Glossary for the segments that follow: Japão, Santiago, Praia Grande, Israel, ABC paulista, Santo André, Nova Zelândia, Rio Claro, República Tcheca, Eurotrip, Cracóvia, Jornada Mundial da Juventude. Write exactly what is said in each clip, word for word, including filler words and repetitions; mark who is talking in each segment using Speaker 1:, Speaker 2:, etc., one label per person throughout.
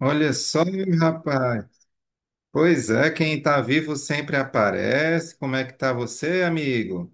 Speaker 1: Olha só, rapaz. Pois é, quem tá vivo sempre aparece. Como é que tá você, amigo?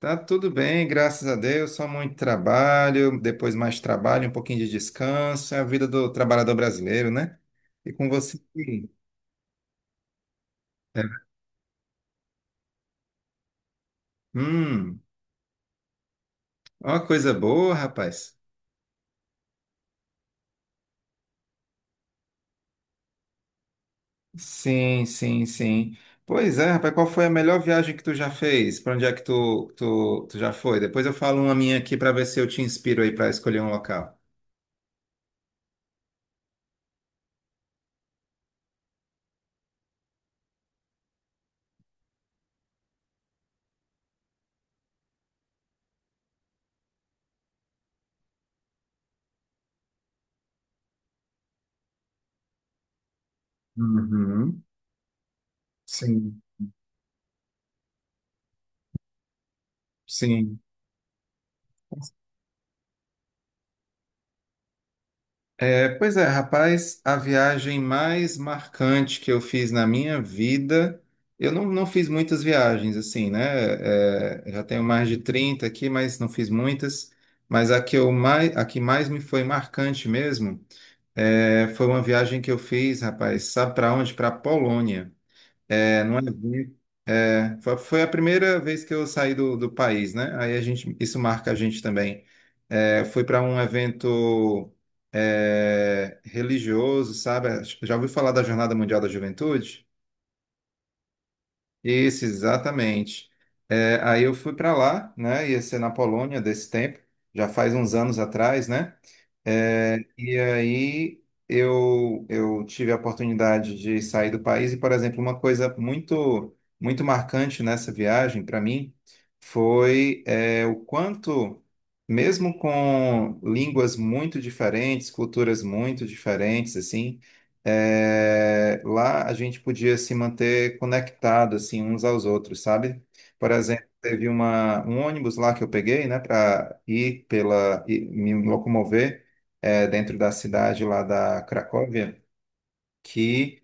Speaker 1: Tá tudo bem, graças a Deus. Só muito trabalho, depois mais trabalho, um pouquinho de descanso. É a vida do trabalhador brasileiro, né? E com você? É. Hum, uma coisa boa, rapaz. Sim, sim, sim. Pois é, rapaz, qual foi a melhor viagem que tu já fez? Pra onde é que tu, tu, tu já foi? Depois eu falo uma minha aqui pra ver se eu te inspiro aí pra escolher um local. Uhum. Sim, sim. É, pois é, rapaz, a viagem mais marcante que eu fiz na minha vida, eu não, não fiz muitas viagens, assim, né? É, já tenho mais de trinta aqui, mas não fiz muitas. Mas a que, eu mais, a que mais me foi marcante mesmo é, foi uma viagem que eu fiz, rapaz, sabe para onde? Para a Polônia. É, não é. É, foi foi a primeira vez que eu saí do, do país, né? Aí a gente, isso marca a gente também. É, fui para um evento é, religioso, sabe? Já ouviu falar da Jornada Mundial da Juventude? Isso, exatamente. É, aí eu fui para lá, né? Ia ser na Polônia desse tempo, já faz uns anos atrás, né? É, e aí eu, eu tive a oportunidade de sair do país e, por exemplo, uma coisa muito muito marcante nessa viagem para mim foi é, o quanto, mesmo com línguas muito diferentes, culturas muito diferentes, assim, é, lá a gente podia se manter conectado assim uns aos outros, sabe? Por exemplo, teve uma, um ônibus lá que eu peguei, né, para ir pela e me locomover, é, dentro da cidade lá da Cracóvia, que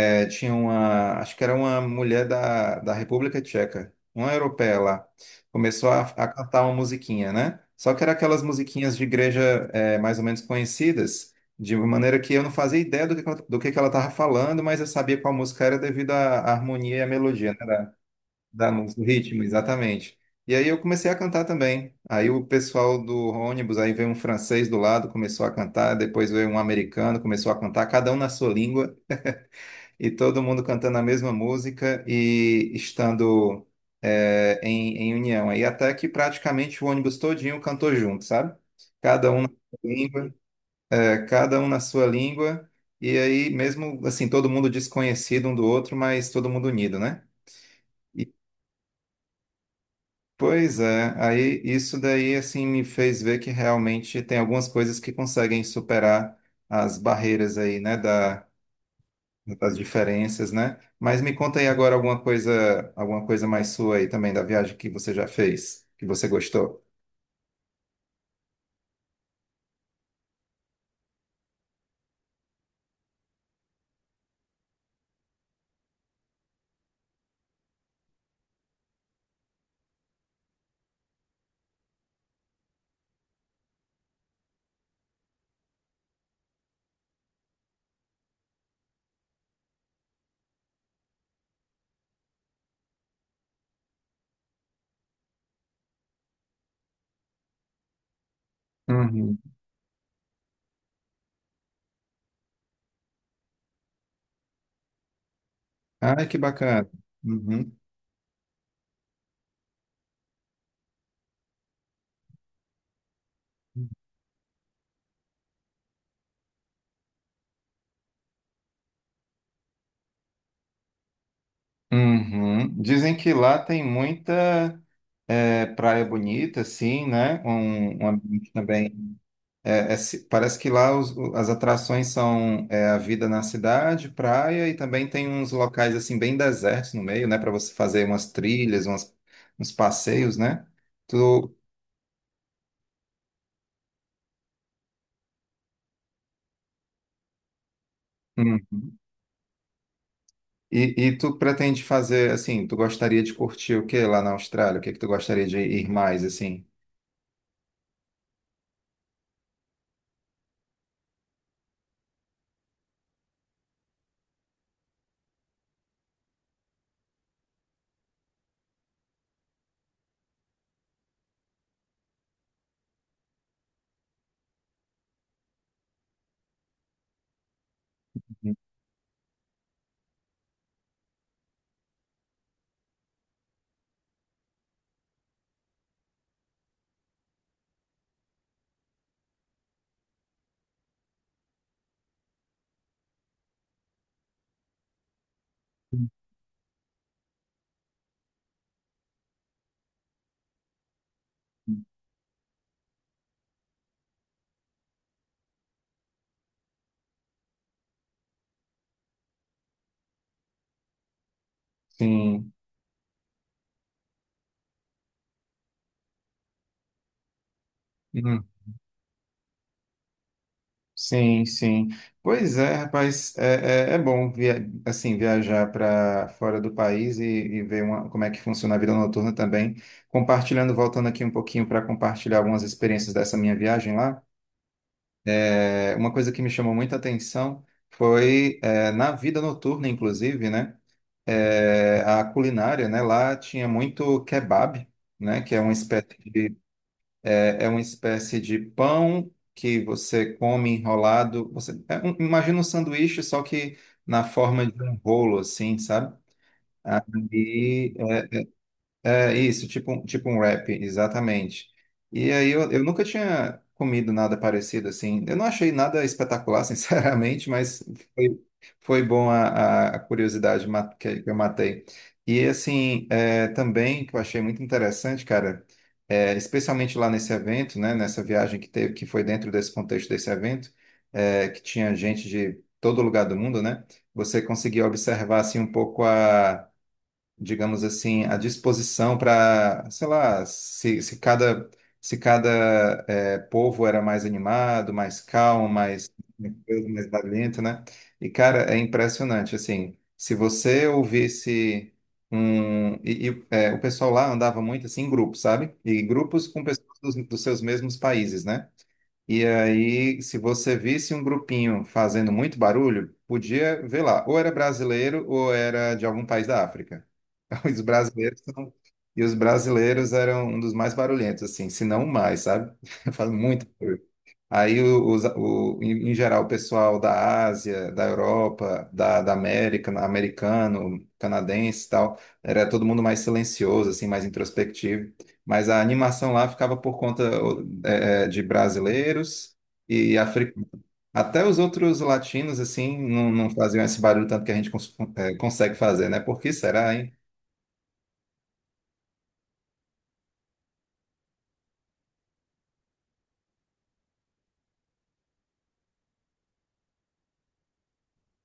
Speaker 1: é, tinha uma, acho que era uma mulher da, da República Tcheca, uma europeia lá. Começou a, a cantar uma musiquinha, né? Só que era aquelas musiquinhas de igreja, é, mais ou menos conhecidas, de uma maneira que eu não fazia ideia do que, que ela- do que que ela estava falando, mas eu sabia qual música era devido à à harmonia e à melodia, né? Da, da música, do ritmo, exatamente. E aí eu comecei a cantar também. Aí o pessoal do ônibus, aí veio um francês do lado, começou a cantar, depois veio um americano, começou a cantar, cada um na sua língua e todo mundo cantando a mesma música e estando, é, em, em união. Aí até que praticamente o ônibus todinho cantou junto, sabe? Cada um na sua língua, é, cada um na sua língua, e aí mesmo assim, todo mundo desconhecido um do outro, mas todo mundo unido, né? E, pois é, aí isso daí assim me fez ver que realmente tem algumas coisas que conseguem superar as barreiras aí, né, da das diferenças, né? Mas me conta aí agora alguma coisa, alguma coisa mais sua aí também da viagem que você já fez, que você gostou. Uhum. Ai, que bacana. Uhum. Uhum. Dizem que lá tem muita, é, praia bonita, assim, né? Um, um ambiente também. É, é ci- parece que lá os- o- as atrações são, é, a vida na cidade, praia, e também tem uns locais assim bem desertos no meio, né? Para você fazer umas trilhas, umas, uns passeios, né? Tu... Uhum. E, e tu pretende fazer, assim, tu gostaria de curtir o que lá na Austrália? O que que tu gostaria de ir mais, assim? Sim. Hum, sim, sim. Pois é, rapaz, é, é, é bom via, assim viajar para fora do país e, e ver uma- como é que funciona a vida noturna também. Compartilhando, voltando aqui um pouquinho para compartilhar algumas experiências dessa minha viagem lá. É, uma coisa que me chamou muita atenção foi, é, na vida noturna, inclusive, né? é, a culinária, né? Lá tinha muito kebab, né? Que é uma espécie de, é, É uma espécie de pão que você come enrolado. Você, é um- imagina um sanduíche, só que na forma de um rolo, assim, sabe? E é isso, tipo, um- tipo um wrap, exatamente. E aí eu, eu nunca tinha comido nada parecido assim. Eu não achei nada espetacular, sinceramente, mas foi, foi bom a, a- a curiosidade ma- que que eu matei. E assim, é, também que eu achei muito interessante, cara, é, especialmente lá nesse evento, né, nessa viagem que teve, que foi dentro desse contexto desse evento, é, que tinha gente de todo lugar do mundo, né? Você conseguia observar assim um pouco, digamos assim, à disposição para, sei lá, se, se cada, se cada eh, povo era mais animado, mais calmo, mais, mais barulhento, né? E, cara, é impressionante, assim, se você ouvisse um... E, e, eh, o pessoal lá andava muito, assim, em grupos, sabe? E grupos com pessoas dos, dos seus mesmos países, né? E aí, se você visse um grupinho fazendo muito barulho, podia ver lá, ou era brasileiro ou era de algum país da África. Os brasileiros são... E os brasileiros eram um dos mais barulhentos, assim, se não o mais, sabe? Faz muito. Aí, os, o, em em geral, o pessoal da Ásia, da Europa, da, da América, na- americano, canadense e tal, era todo mundo mais silencioso, assim, mais introspectivo. Mas a animação lá ficava por conta o, é, é, de brasileiros e africanos. Até os outros latinos, assim, não, não faziam esse barulho tanto que a gente cons- é, consegue fazer, né? Por que será...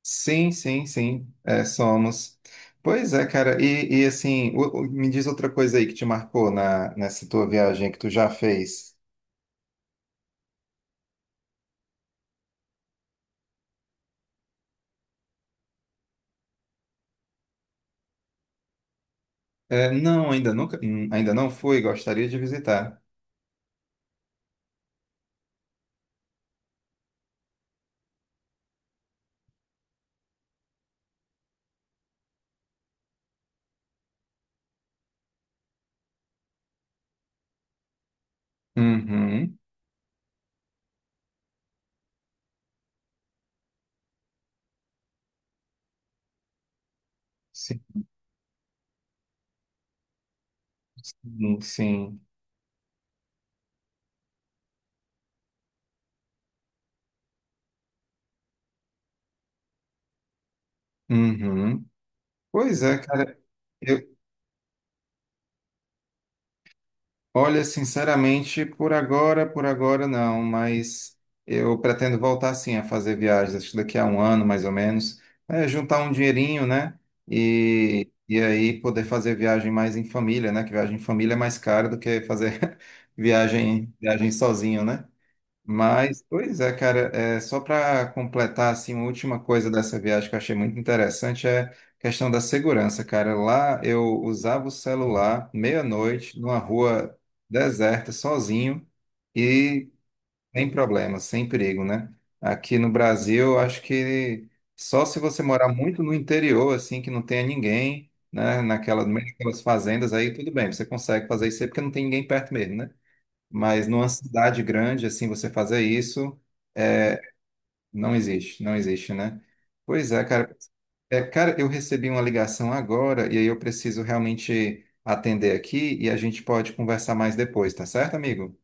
Speaker 1: Sim, sim, sim, é, somos. Pois é, cara, e, e assim, o- o- me diz outra coisa aí que te marcou na, nessa tua viagem que tu já fez. É, não, ainda nunca, hum, ainda não fui, gostaria de visitar. Uhum, sim, sim, sim. Uhum. Pois é, cara. Olha, sinceramente, por agora, por agora não, mas eu pretendo voltar sim a fazer viagens, acho que daqui a um ano mais ou menos, é, juntar um dinheirinho, né? E, e aí poder fazer viagem mais em família, né? Que viagem em família é mais cara do que fazer viagem, viagem sozinho, né? Mas, pois é, cara, é, só para completar assim, uma última coisa dessa viagem que eu achei muito interessante é a questão da segurança, cara. Lá eu usava o celular meia-noite numa rua deserta, sozinho e sem problema, sem perigo, né? Aqui no Brasil, eu acho que só se você morar muito no interior, assim, que não tenha ninguém, né? Naquela, naquelas fazendas aí, tudo bem, você consegue fazer isso aí porque não tem ninguém perto mesmo, né? Mas numa cidade grande, assim, você fazer isso, é, não existe, não existe, né? Pois é, cara. É, cara, eu recebi uma ligação agora e aí eu preciso realmente atender aqui e a gente pode conversar mais depois, tá certo, amigo?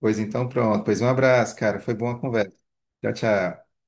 Speaker 1: Pois então, pronto. Pois um abraço, cara. Foi boa a conversa. Tchau, tchau.